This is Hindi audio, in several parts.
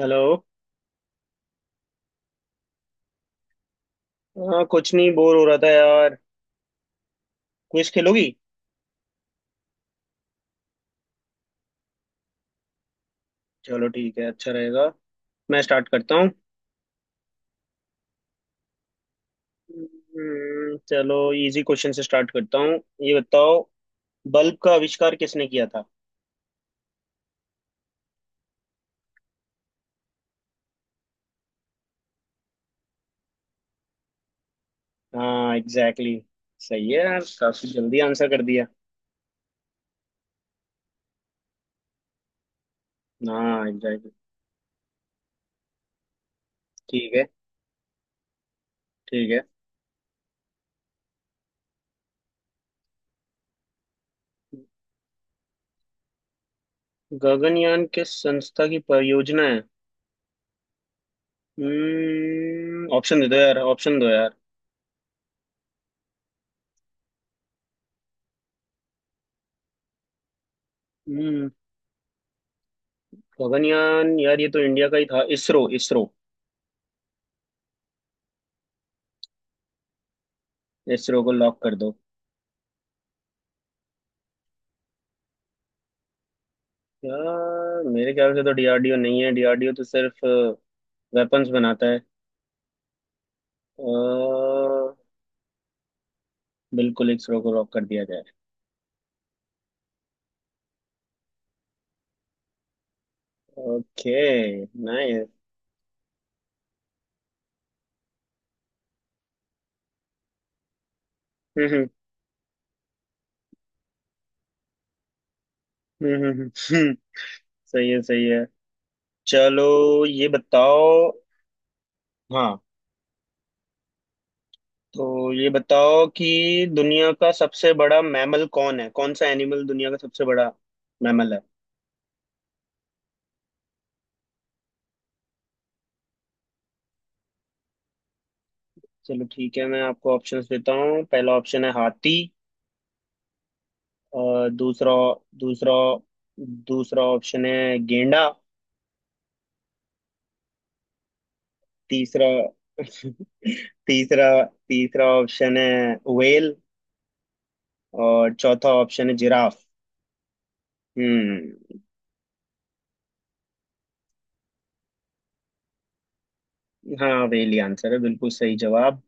हेलो. हाँ, कुछ नहीं. बोर हो रहा था यार. क्विज खेलोगी? चलो, ठीक है. अच्छा रहेगा. मैं स्टार्ट करता हूँ. चलो. इजी क्वेश्चन से स्टार्ट करता हूँ. ये बताओ, बल्ब का आविष्कार किसने किया था? हाँ, एग्जैक्टली exactly. सही है यार, काफी जल्दी आंसर कर दिया. हाँ, एग्जैक्टली exactly. ठीक है. ठीक है. गगनयान किस संस्था की परियोजना है? ऑप्शन दे दो यार, ऑप्शन दो यार. हम्म गगनयान यार, ये तो इंडिया का ही था. इसरो, इसरो. इसरो को लॉक कर दो. यार, मेरे ख्याल से तो डीआरडीओ नहीं है. डीआरडीओ तो सिर्फ वेपन्स बनाता है. अ, बिल्कुल, इसरो को रॉक कर दिया जाए. ओके. नाइस. हम्म, हम्म. सही है, सही है. चलो, ये बताओ. हाँ, तो ये बताओ कि दुनिया का सबसे बड़ा मैमल कौन है, कौन सा एनिमल दुनिया का सबसे बड़ा मैमल है? चलो, ठीक है, मैं आपको ऑप्शंस देता हूँ. पहला ऑप्शन है हाथी. और दूसरा दूसरा दूसरा ऑप्शन है गेंडा. तीसरा. तीसरा तीसरा ऑप्शन है व्हेल. और चौथा ऑप्शन है जिराफ. हम्म. हाँ, व्हेल ही आंसर है, बिल्कुल सही जवाब.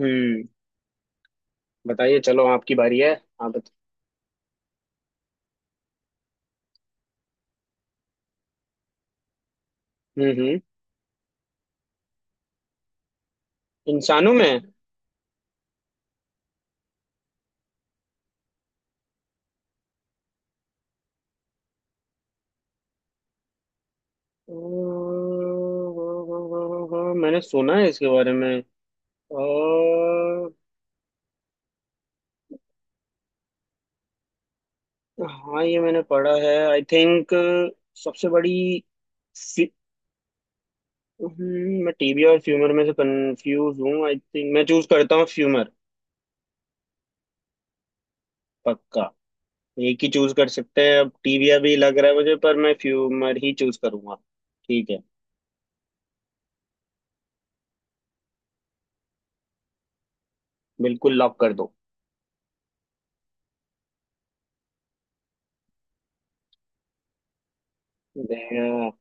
हम्म बताइए, चलो आपकी बारी है. आप बत... हम्म हम्म इंसानों में. अ, मैंने सुना है इसके बारे में. अ, हाँ, ये मैंने पढ़ा है, आई थिंक. सबसे बड़ी. मैं टीबी और फ्यूमर में से कंफ्यूज हूँ. आई थिंक मैं चूज करता हूँ फ्यूमर. पक्का. एक ही चूज कर सकते हैं, अब टीबिया भी लग रहा है मुझे, पर मैं फ्यूमर ही चूज करूंगा. ठीक है. बिल्कुल, लॉक कर दो. Then, अ,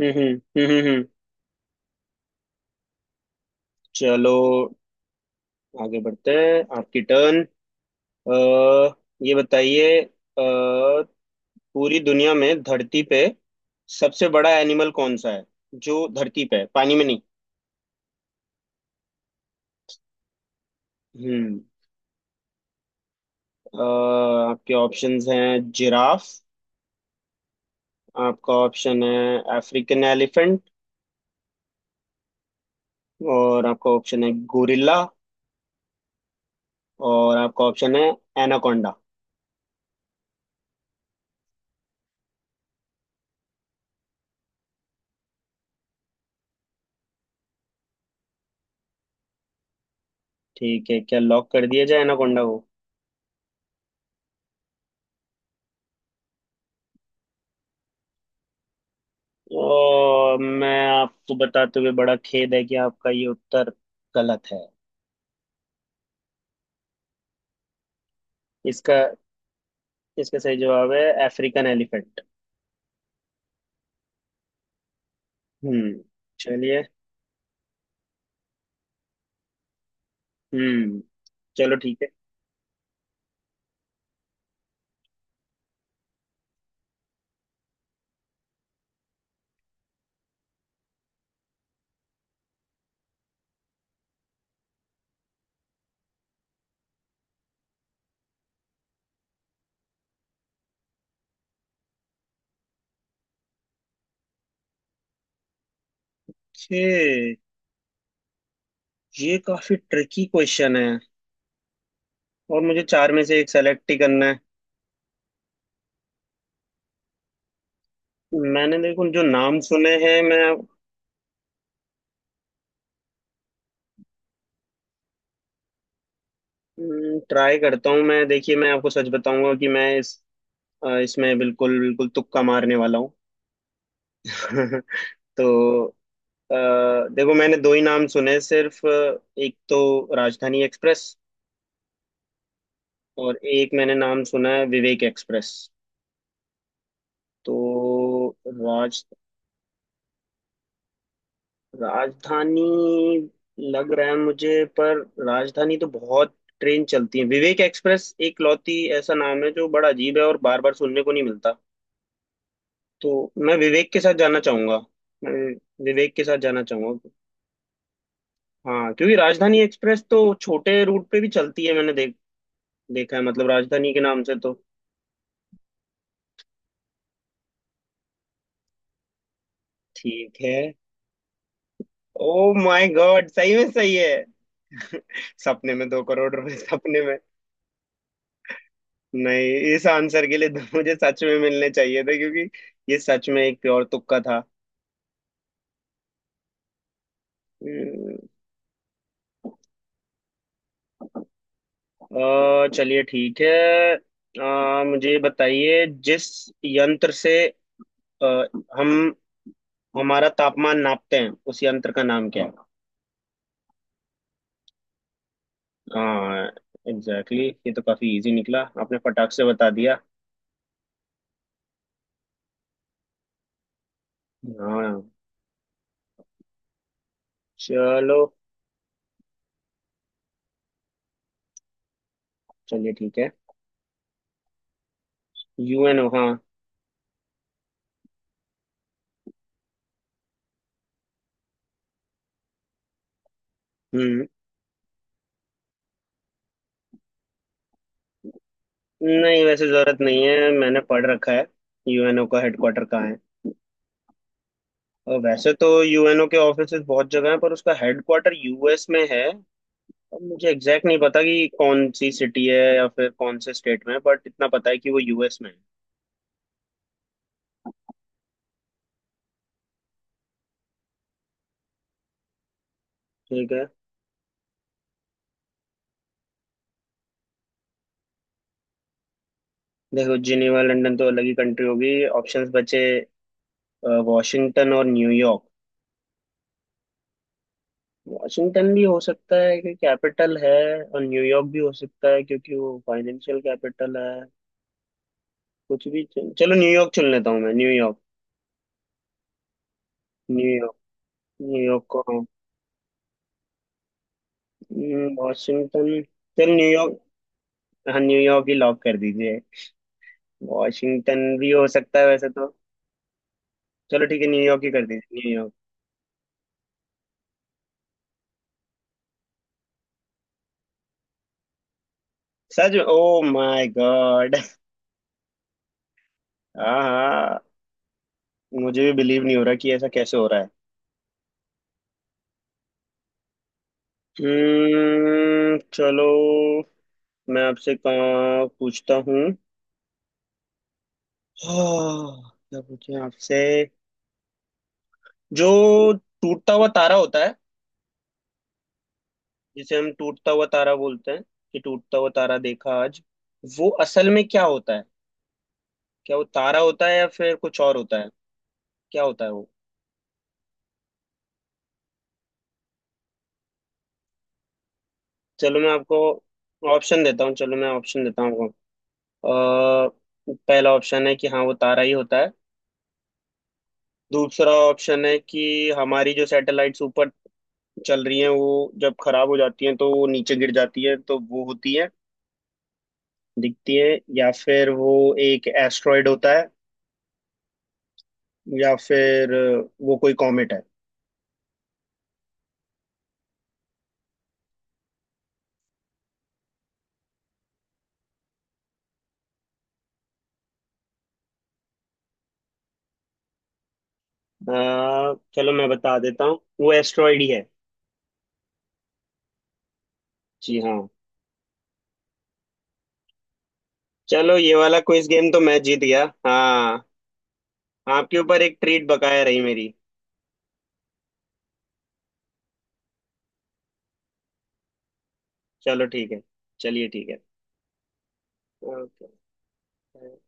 हम्म, हम्म, हम्म, हम्म. चलो. आगे बढ़ते हैं, आपकी टर्न. अ ये बताइए, पूरी दुनिया में, धरती पे सबसे बड़ा एनिमल कौन सा है? जो धरती पे है, पानी में नहीं. हम्म. अ, आपके ऑप्शंस हैं जिराफ, आपका ऑप्शन है अफ्रीकन एलिफेंट, और आपका ऑप्शन है गोरिल्ला, और आपका ऑप्शन है एनाकोंडा. ठीक है, क्या लॉक कर दिया जाए एनाकोंडा को? और मैं आपको बताते हुए बड़ा खेद है कि आपका ये उत्तर गलत है. इसका इसका सही जवाब है अफ्रीकन एलिफेंट. हम्म. चलिए. हम्म चलो, ठीक है. छे! ये काफी ट्रिकी क्वेश्चन है. और मुझे चार में से एक सेलेक्ट ही करना है. मैंने देखो, जो नाम सुने हैं, मैं ट्राई करता हूँ, मैं देखिए, मैं आपको सच बताऊंगा कि मैं इस इसमें बिल्कुल, बिल्कुल तुक्का मारने वाला हूँ. तो, अ, देखो, मैंने दो ही नाम सुने सिर्फ. एक तो राजधानी एक्सप्रेस. और एक मैंने नाम सुना है विवेक एक्सप्रेस. तो राज राजधानी लग रहा है मुझे, पर राजधानी तो बहुत ट्रेन चलती है, विवेक एक्सप्रेस एक लौती ऐसा नाम है जो बड़ा अजीब है और बार बार सुनने को नहीं मिलता. तो मैं विवेक के साथ जाना चाहूंगा. मैं विवेक के साथ जाना चाहूंगा. हाँ, क्योंकि राजधानी एक्सप्रेस तो छोटे रूट पे भी चलती है, मैंने देखा है, मतलब राजधानी के नाम से तो. ठीक है. ओ माय गॉड, सही में सही है. सपने में 2 करोड़ रुपए, सपने में. नहीं, इस आंसर के लिए तो मुझे सच में मिलने चाहिए थे, क्योंकि ये सच में एक प्योर तुक्का था. हम्म, चलिए, ठीक है. मुझे बताइए, जिस यंत्र से अ, हम हमारा तापमान नापते हैं, उस यंत्र का नाम क्या है? हाँ, एग्जैक्टली, ये तो काफी इजी निकला, आपने फटाक से बता दिया. हाँ, चलो. चलिए, ठीक है. यूएनओ? हाँ. हम्म. नहीं, वैसे जरूरत नहीं है, मैंने पढ़ रखा है. यूएनओ का हेडक्वार्टर कहाँ है? और वैसे तो यूएनओ के ऑफिसेज बहुत जगह हैं, पर उसका हेडक्वार्टर यूएस में है. अब मुझे एग्जैक्ट नहीं पता कि कौन सी सिटी है या फिर कौन से स्टेट में है, बट इतना पता है कि वो यूएस में है. ठीक है. देखो, जिनेवा लंदन तो अलग ही कंट्री होगी. ऑप्शंस बचे वॉशिंगटन और न्यूयॉर्क. वॉशिंगटन भी हो सकता है क्योंकि कैपिटल है. और न्यूयॉर्क भी हो सकता है क्योंकि वो फाइनेंशियल कैपिटल है. चलो, न्यूयॉर्क चुन लेता हूँ मैं. न्यूयॉर्क. न्यूयॉर्क. न्यूयॉर्क को. वॉशिंगटन. चल न्यूयॉर्क. हाँ, न्यूयॉर्क ही लॉक कर दीजिए. वॉशिंगटन भी हो सकता है वैसे तो. चलो, ठीक है, न्यूयॉर्क ही कर दीजिए, न्यूयॉर्क. सच? Oh my God. हाँ, हाँ. मुझे भी बिलीव नहीं हो रहा कि ऐसा कैसे हो रहा है. चलो, मैं आपसे कहाँ पूछता हूँ. हाँ, क्या पूछें आपसे. जो टूटता हुआ तारा होता है, जिसे हम टूटता हुआ तारा बोलते हैं कि टूटता हुआ तारा देखा आज, वो असल में क्या होता है? क्या वो तारा होता है या फिर कुछ और होता है? क्या होता है वो? चलो, मैं आपको ऑप्शन देता हूँ, चलो मैं ऑप्शन देता हूँ आपको. अ, पहला ऑप्शन है कि हाँ, वो तारा ही होता है. दूसरा ऑप्शन है कि हमारी जो सैटेलाइट्स ऊपर चल रही हैं, वो जब खराब हो जाती हैं तो वो नीचे गिर जाती हैं, तो वो होती है, दिखती है. या फिर वो एक एस्ट्रॉयड होता है, या फिर वो कोई कॉमेट है. चलो, मैं बता देता हूँ, वो एस्ट्रॉयड ही है. जी हाँ. चलो, ये वाला क्विज गेम तो मैं जीत गया, हाँ. आपके ऊपर एक ट्रीट बकाया रही मेरी. चलो, ठीक है. चलिए, ठीक है. ओके.